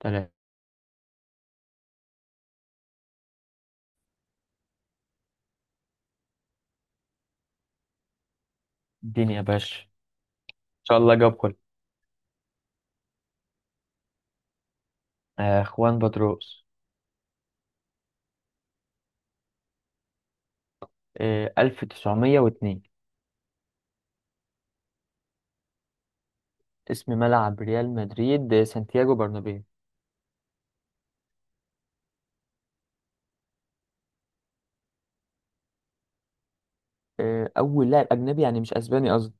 تمام. اديني يا باشا ان شاء الله جاب كله. خوان بطريقوس. 1902. اسم ملعب ريال مدريد سانتياغو برنابيو. اول لاعب اجنبي، يعني مش اسباني قصدي.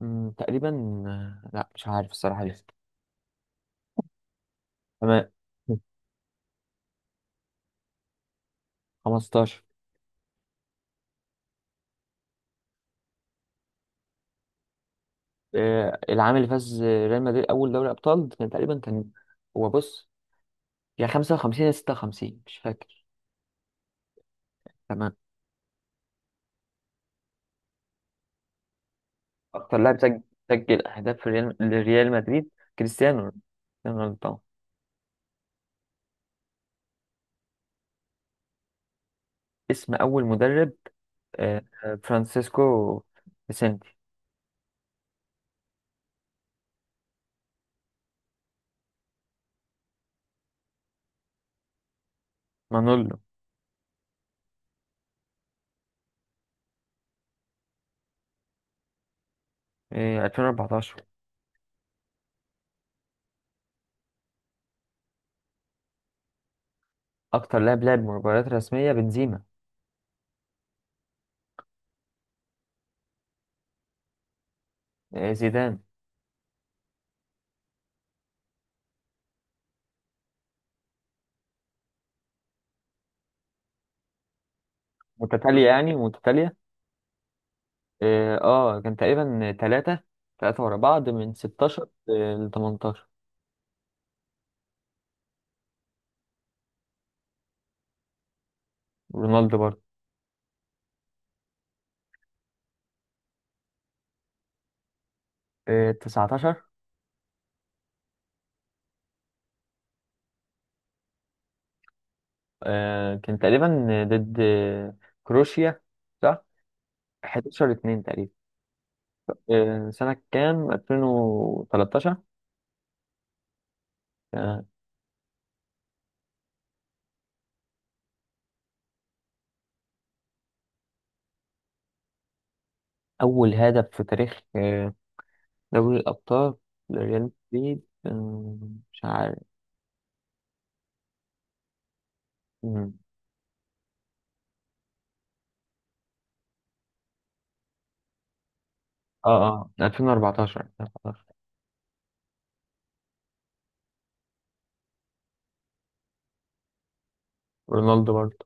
تقريبا. لا مش عارف الصراحه لسه. تمام. 15. العام اللي فاز ريال مدريد اول دوري ابطال كان تقريبا. هو بص، يا 55 يا 56 مش فاكر. تمام. اكتر لاعب سجل اهداف في لريال مدريد. كريستيانو رونالدو. كريستيانو رونالدو طبعا. اسم أول مدرب فرانسيسكو فيسنتي. مانولو. 2014. أكتر لاعب لعب مباريات رسمية بنزيما. زيدان. متتالية، يعني متتالية. اه، كان تقريبا تلاتة، تلاتة ورا بعض من 16 ل 18. رونالدو برضه. 19. كان تقريبا ضد كروشيا. صح. 11 2 تقريبا. سنة كام؟ 2013. آه، أول هدف في تاريخ دوري الأبطال لريال مدريد. مش عارف. مم. اه، اه، 2014، 2014. رونالدو برضه.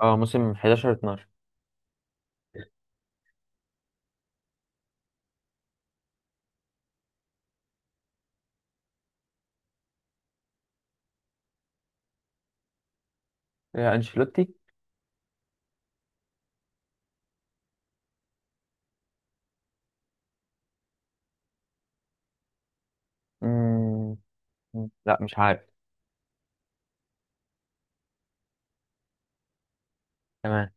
اه، موسم 11 12. أنشيلوتي. مم. لا مش عارف. تمام.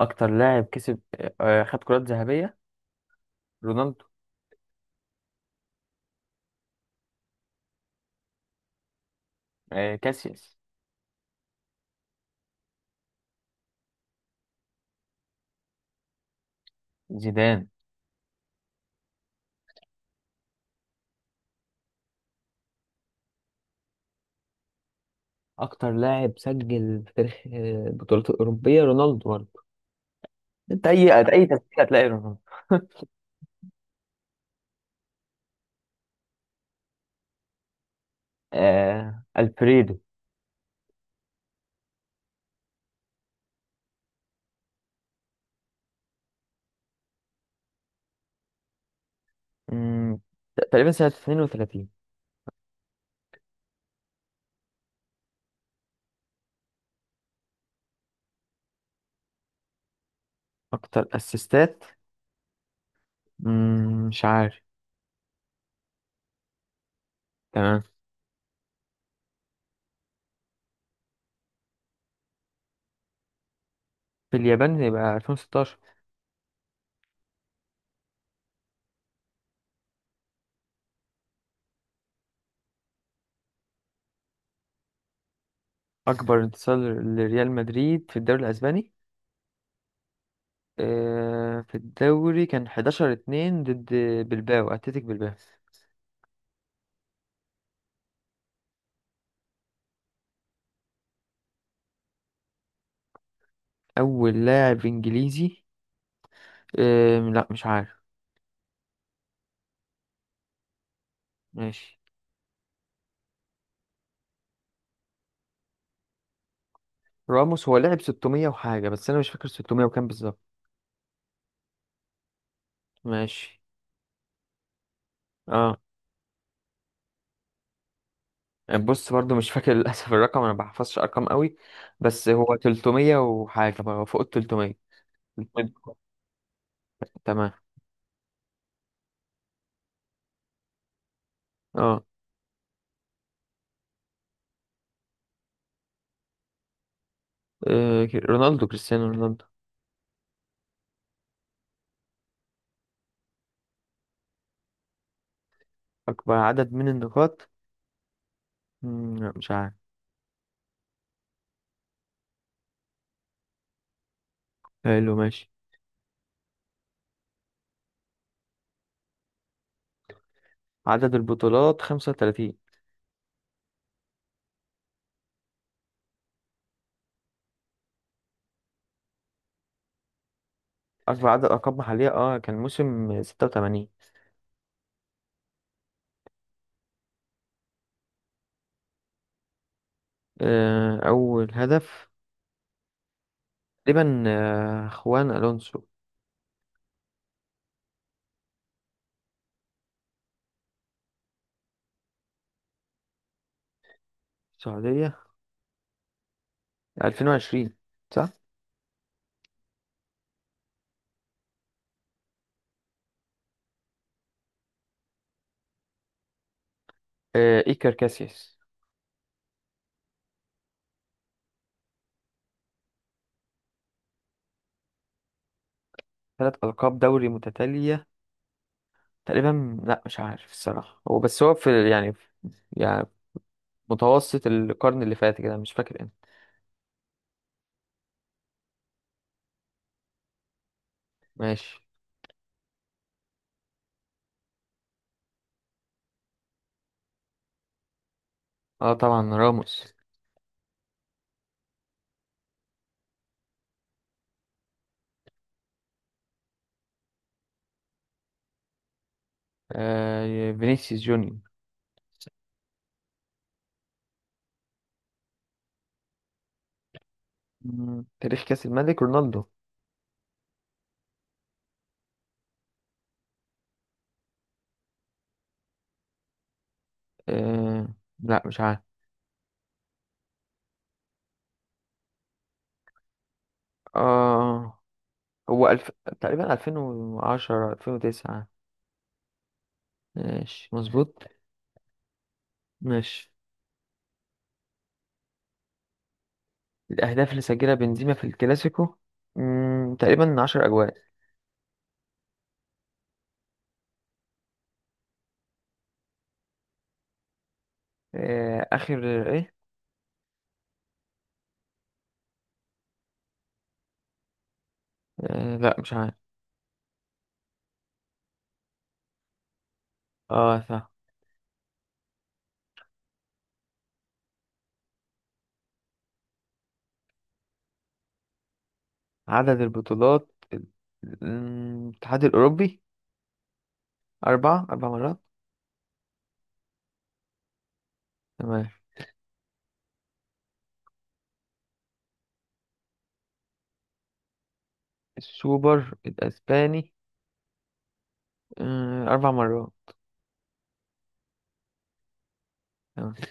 أكتر لاعب كسب آه، آه، خد كرات ذهبية. رونالدو. كاسياس. زيدان. أكتر لاعب سجل في تاريخ البطولات الأوروبية رونالدو برضه. أنت أي تسجيل هتلاقي رونالدو. ألفريدو. مم. تقريبا سنة 32. أكتر أسيستات. مش عارف. تمام. في اليابان يبقى 2016. أكبر انتصار لريال مدريد في الدوري الأسباني، في الدوري كان 11 2 ضد أتلتيك بلباو. أول لاعب إنجليزي، لا مش عارف. ماشي. راموس هو لعب 600 وحاجة، بس أنا مش فاكر 600 وكام بالظبط. ماشي. اه، بص برضو مش فاكر للأسف، الرقم أنا ما بحفظش أرقام قوي، بس هو 300 وحاجة بقى، هو فوق ال 300. تمام. اه. رونالدو كريستيانو رونالدو. أكبر عدد من النقاط. لا مش عارف. حلو ماشي. عدد البطولات 35. أكبر عدد ألقاب محلية، اه كان موسم 86. أول هدف تقريبا خوان ألونسو. السعودية. 2020، صح؟ إيكر كاسياس. ثلاث ألقاب دوري متتالية، تقريبا لا مش عارف الصراحة. هو بس هو في، يعني يعني متوسط القرن اللي فات كده مش فاكر امتى. ماشي. اه طبعا راموس. فينيسيوس جونيور. تاريخ كأس الملك رونالدو. آه لا مش عارف. آه هو ألف... تقريبا 2010 2009. ماشي مظبوط. ماشي. الأهداف اللي سجلها بنزيما في الكلاسيكو تقريبا 10 أجوال. آخر إيه؟ لا مش عارف. صح. عدد البطولات ال- الاتحاد الأوروبي. أربع مرات. تمام. السوبر الأسباني. أربع مرات. تمام.